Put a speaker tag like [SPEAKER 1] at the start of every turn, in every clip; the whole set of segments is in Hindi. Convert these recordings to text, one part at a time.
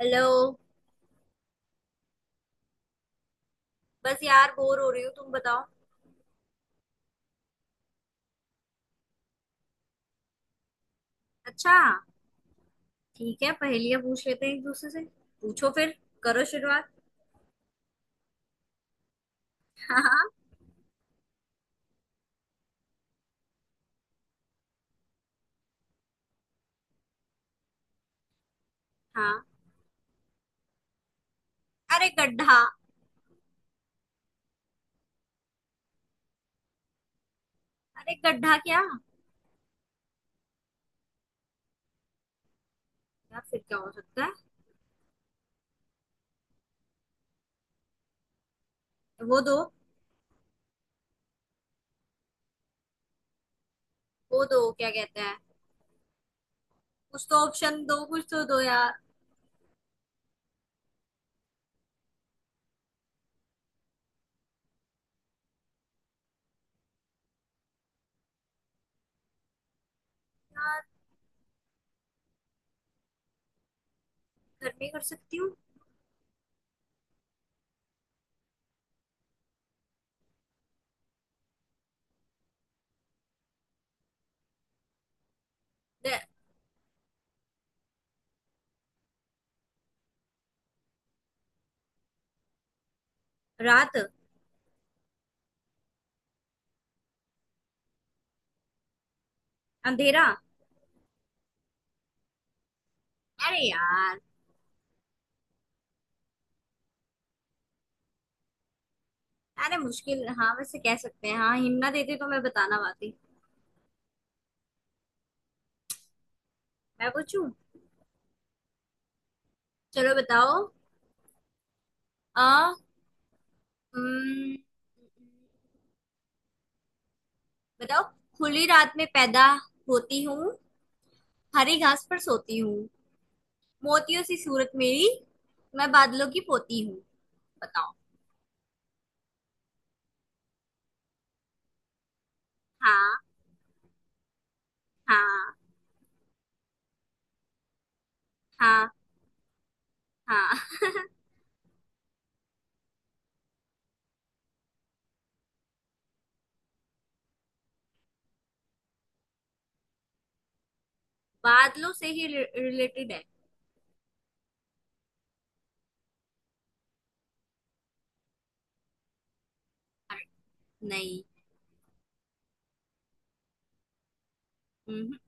[SPEAKER 1] हेलो। बस यार बोर हो रही हूँ, तुम बताओ। अच्छा, ठीक है, पहेलियां पूछ लेते हैं एक दूसरे से। पूछो फिर। करो शुरुआत। हाँ हाँ। हाँ। अरे गड्ढा। अरे गड्ढा क्या। यार फिर क्या हो सकता है। वो दो, वो दो क्या कहते हैं। कुछ तो ऑप्शन दो, कुछ तो दो यार। यार घर में कर सकती हूँ। दे- रात। अंधेरा। अरे यार, अरे मुश्किल हाँ वैसे कह सकते हैं। हाँ हिम्मत देती तो मैं बताना पाती। मैं पूछूं चलो बताओ। आ, बताओ। खुली रात में पैदा होती हूँ, हरी घास पर सोती हूँ, मोतियों सी सूरत मेरी, मैं बादलों की पोती हूँ। बताओ। हाँ। हाँ। हाँ। हाँ। बादलों से ही रिलेटेड है। अरे, नहीं। हम्म,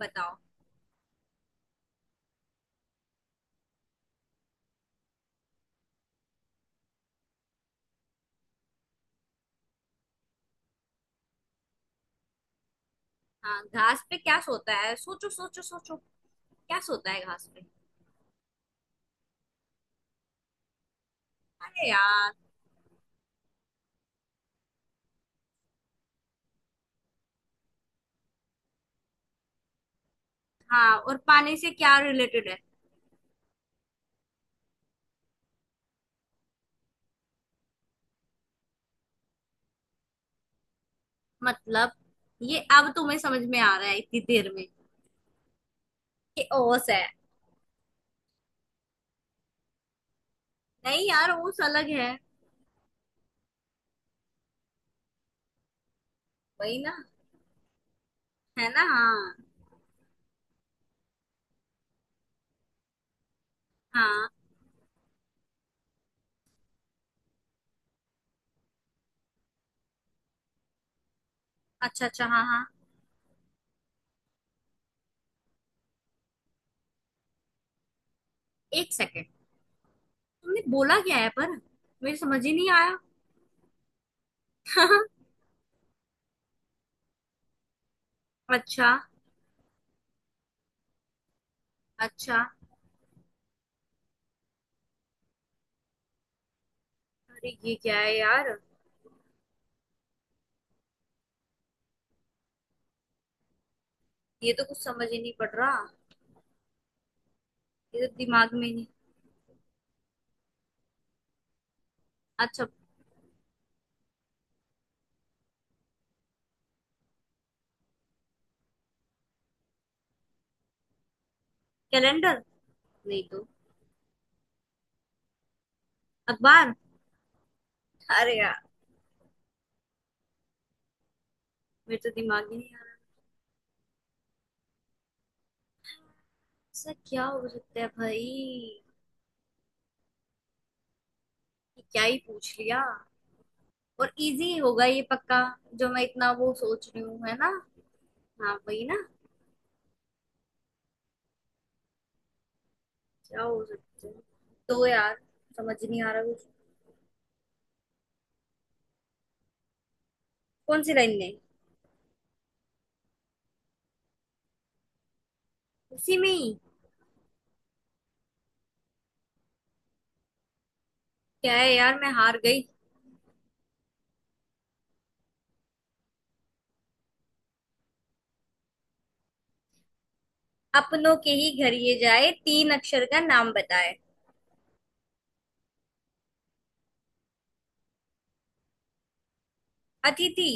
[SPEAKER 1] बताओ। हाँ घास पे क्या सोता है सोचो सोचो सोचो क्या सोता है घास पे अरे यार हाँ और पानी से क्या रिलेटेड है। मतलब ये अब तुम्हें समझ में आ रहा है इतनी देर में कि ओस है। नहीं यार, ओस अलग है। वही ना, है ना। हाँ। हाँ। अच्छा अच्छा, हाँ हाँ। एक सेकेंड, तुमने बोला क्या है पर, मेरी समझ ही नहीं आया। अच्छा। अच्छा। अरे ये क्या है यार। ये तो कुछ समझ ही नहीं पड़ रहा, ये तो दिमाग में ही नहीं। अच्छा। कैलेंडर। नहीं तो। अखबार। अरे यार, मेरे तो दिमाग ही नहीं आ रहा। ऐसा क्या हो सकता है भाई ये, क्या ही पूछ लिया, और इजी होगा ये पक्का। जो मैं इतना वो सोच रही हूँ, है ना। हाँ वही ना। क्या हो सकता है। तो यार समझ नहीं आ रहा कुछ। कौन सी लाइन में? उसी में ही? क्या है यार, मैं हार गई। अपनों के ही घर ये जाए, तीन अक्षर का नाम बताए। अतिथि।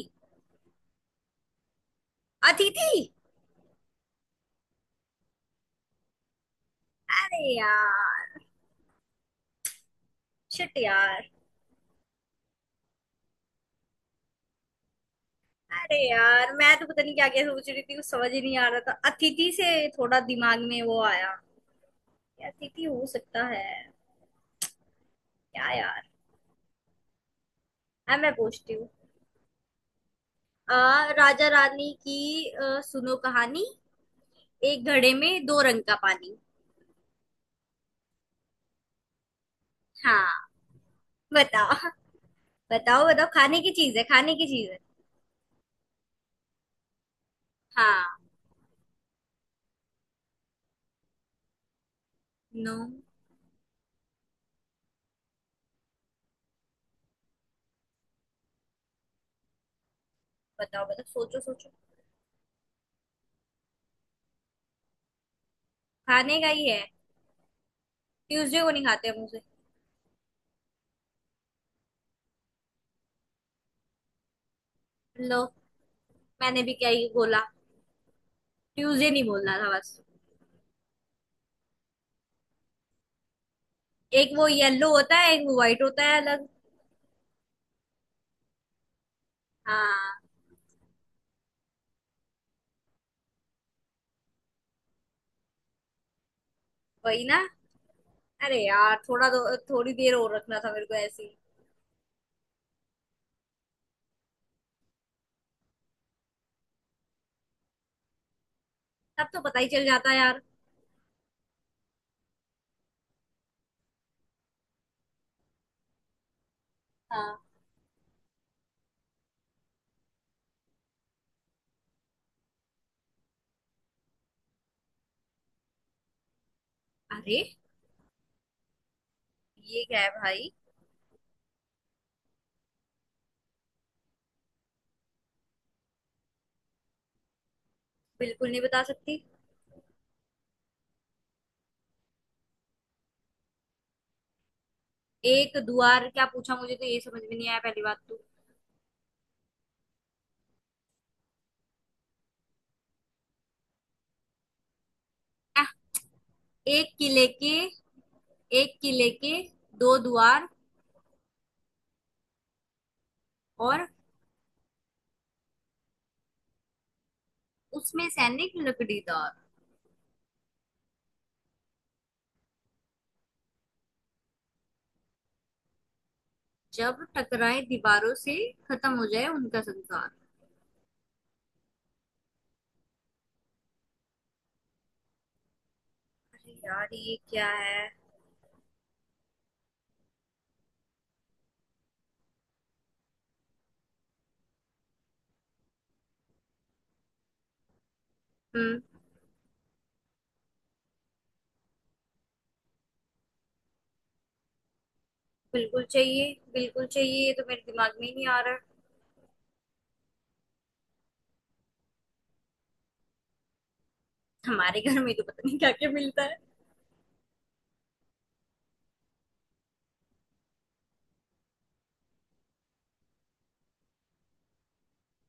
[SPEAKER 1] अतिथि। अरे यार शिट यार। अरे यार मैं तो पता नहीं क्या क्या सोच रही थी, कुछ समझ ही नहीं आ रहा था। अतिथि से थोड़ा दिमाग में वो आया कि अतिथि हो सकता है। क्या यार। अब मैं पूछती हूँ। आ, राजा रानी की सुनो कहानी, एक घड़े में दो रंग का पानी। हाँ। बताओ। बताओ बताओ, खाने की चीज है, खाने की चीज है। हाँ। नो। बताओ बताओ, सोचो सोचो। खाने का ही है। ट्यूसडे को नहीं खाते हम उसे। लो, मैंने भी क्या ही बोला, ट्यूसडे नहीं बोलना था बस। एक वो येलो होता है, एक वो व्हाइट होता है अलग। हाँ। वही ना। अरे यार थोड़ा तो थोड़ी देर और रखना था मेरे को ऐसे ही। तब तो पता ही चल जाता यार। हाँ। अरे ये क्या है भाई। बिल्कुल नहीं बता सकती। एक द्वार क्या पूछा, मुझे तो ये समझ में नहीं आया पहली बात तो। आह, एक किले के, एक किले के दो द्वार, और उसमें सैनिक लकड़ीदार। जब टकराए दीवारों से, खत्म हो जाए उनका संसार। अरे यार ये क्या है। हम्म। बिल्कुल चाहिए, बिल्कुल चाहिए, ये तो मेरे दिमाग में ही नहीं आ रहा। हमारे घर में तो पता नहीं क्या क्या मिलता है।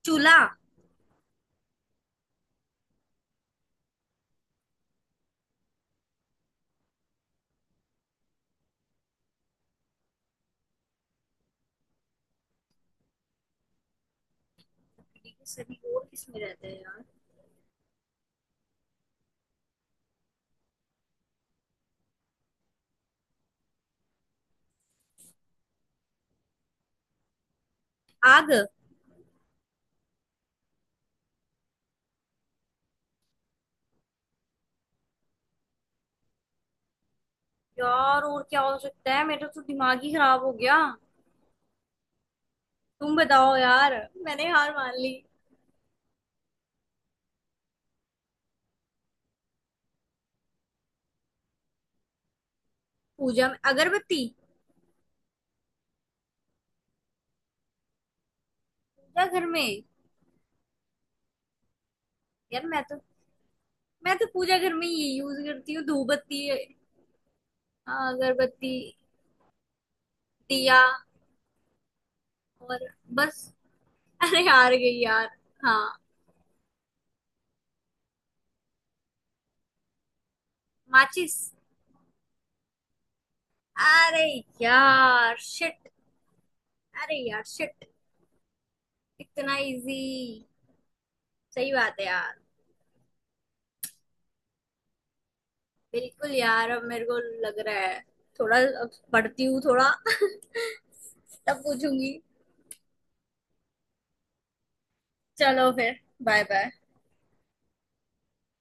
[SPEAKER 1] चूल्हा। अरे ये सभी और किसमें रहते हैं यार। आग। यार और क्या हो सकता है, मेरा तो दिमाग ही खराब हो गया। तुम बताओ यार, मैंने हार मान ली। पूजा में अगरबत्ती। पूजा घर में। यार मैं तो, मैं तो पूजा घर में ये यूज करती हूँ, धूपबत्ती। हाँ अगरबत्ती। दिया। और। बस। अरे हार गई यार। हाँ। माचिस। अरे यार शिट, अरे यार शिट, इतना इजी। सही बात है यार। बिल्कुल यार, अब मेरे को लग रहा है थोड़ा, अब पढ़ती हूँ थोड़ा तब पूछूंगी। चलो फिर, बाय बाय।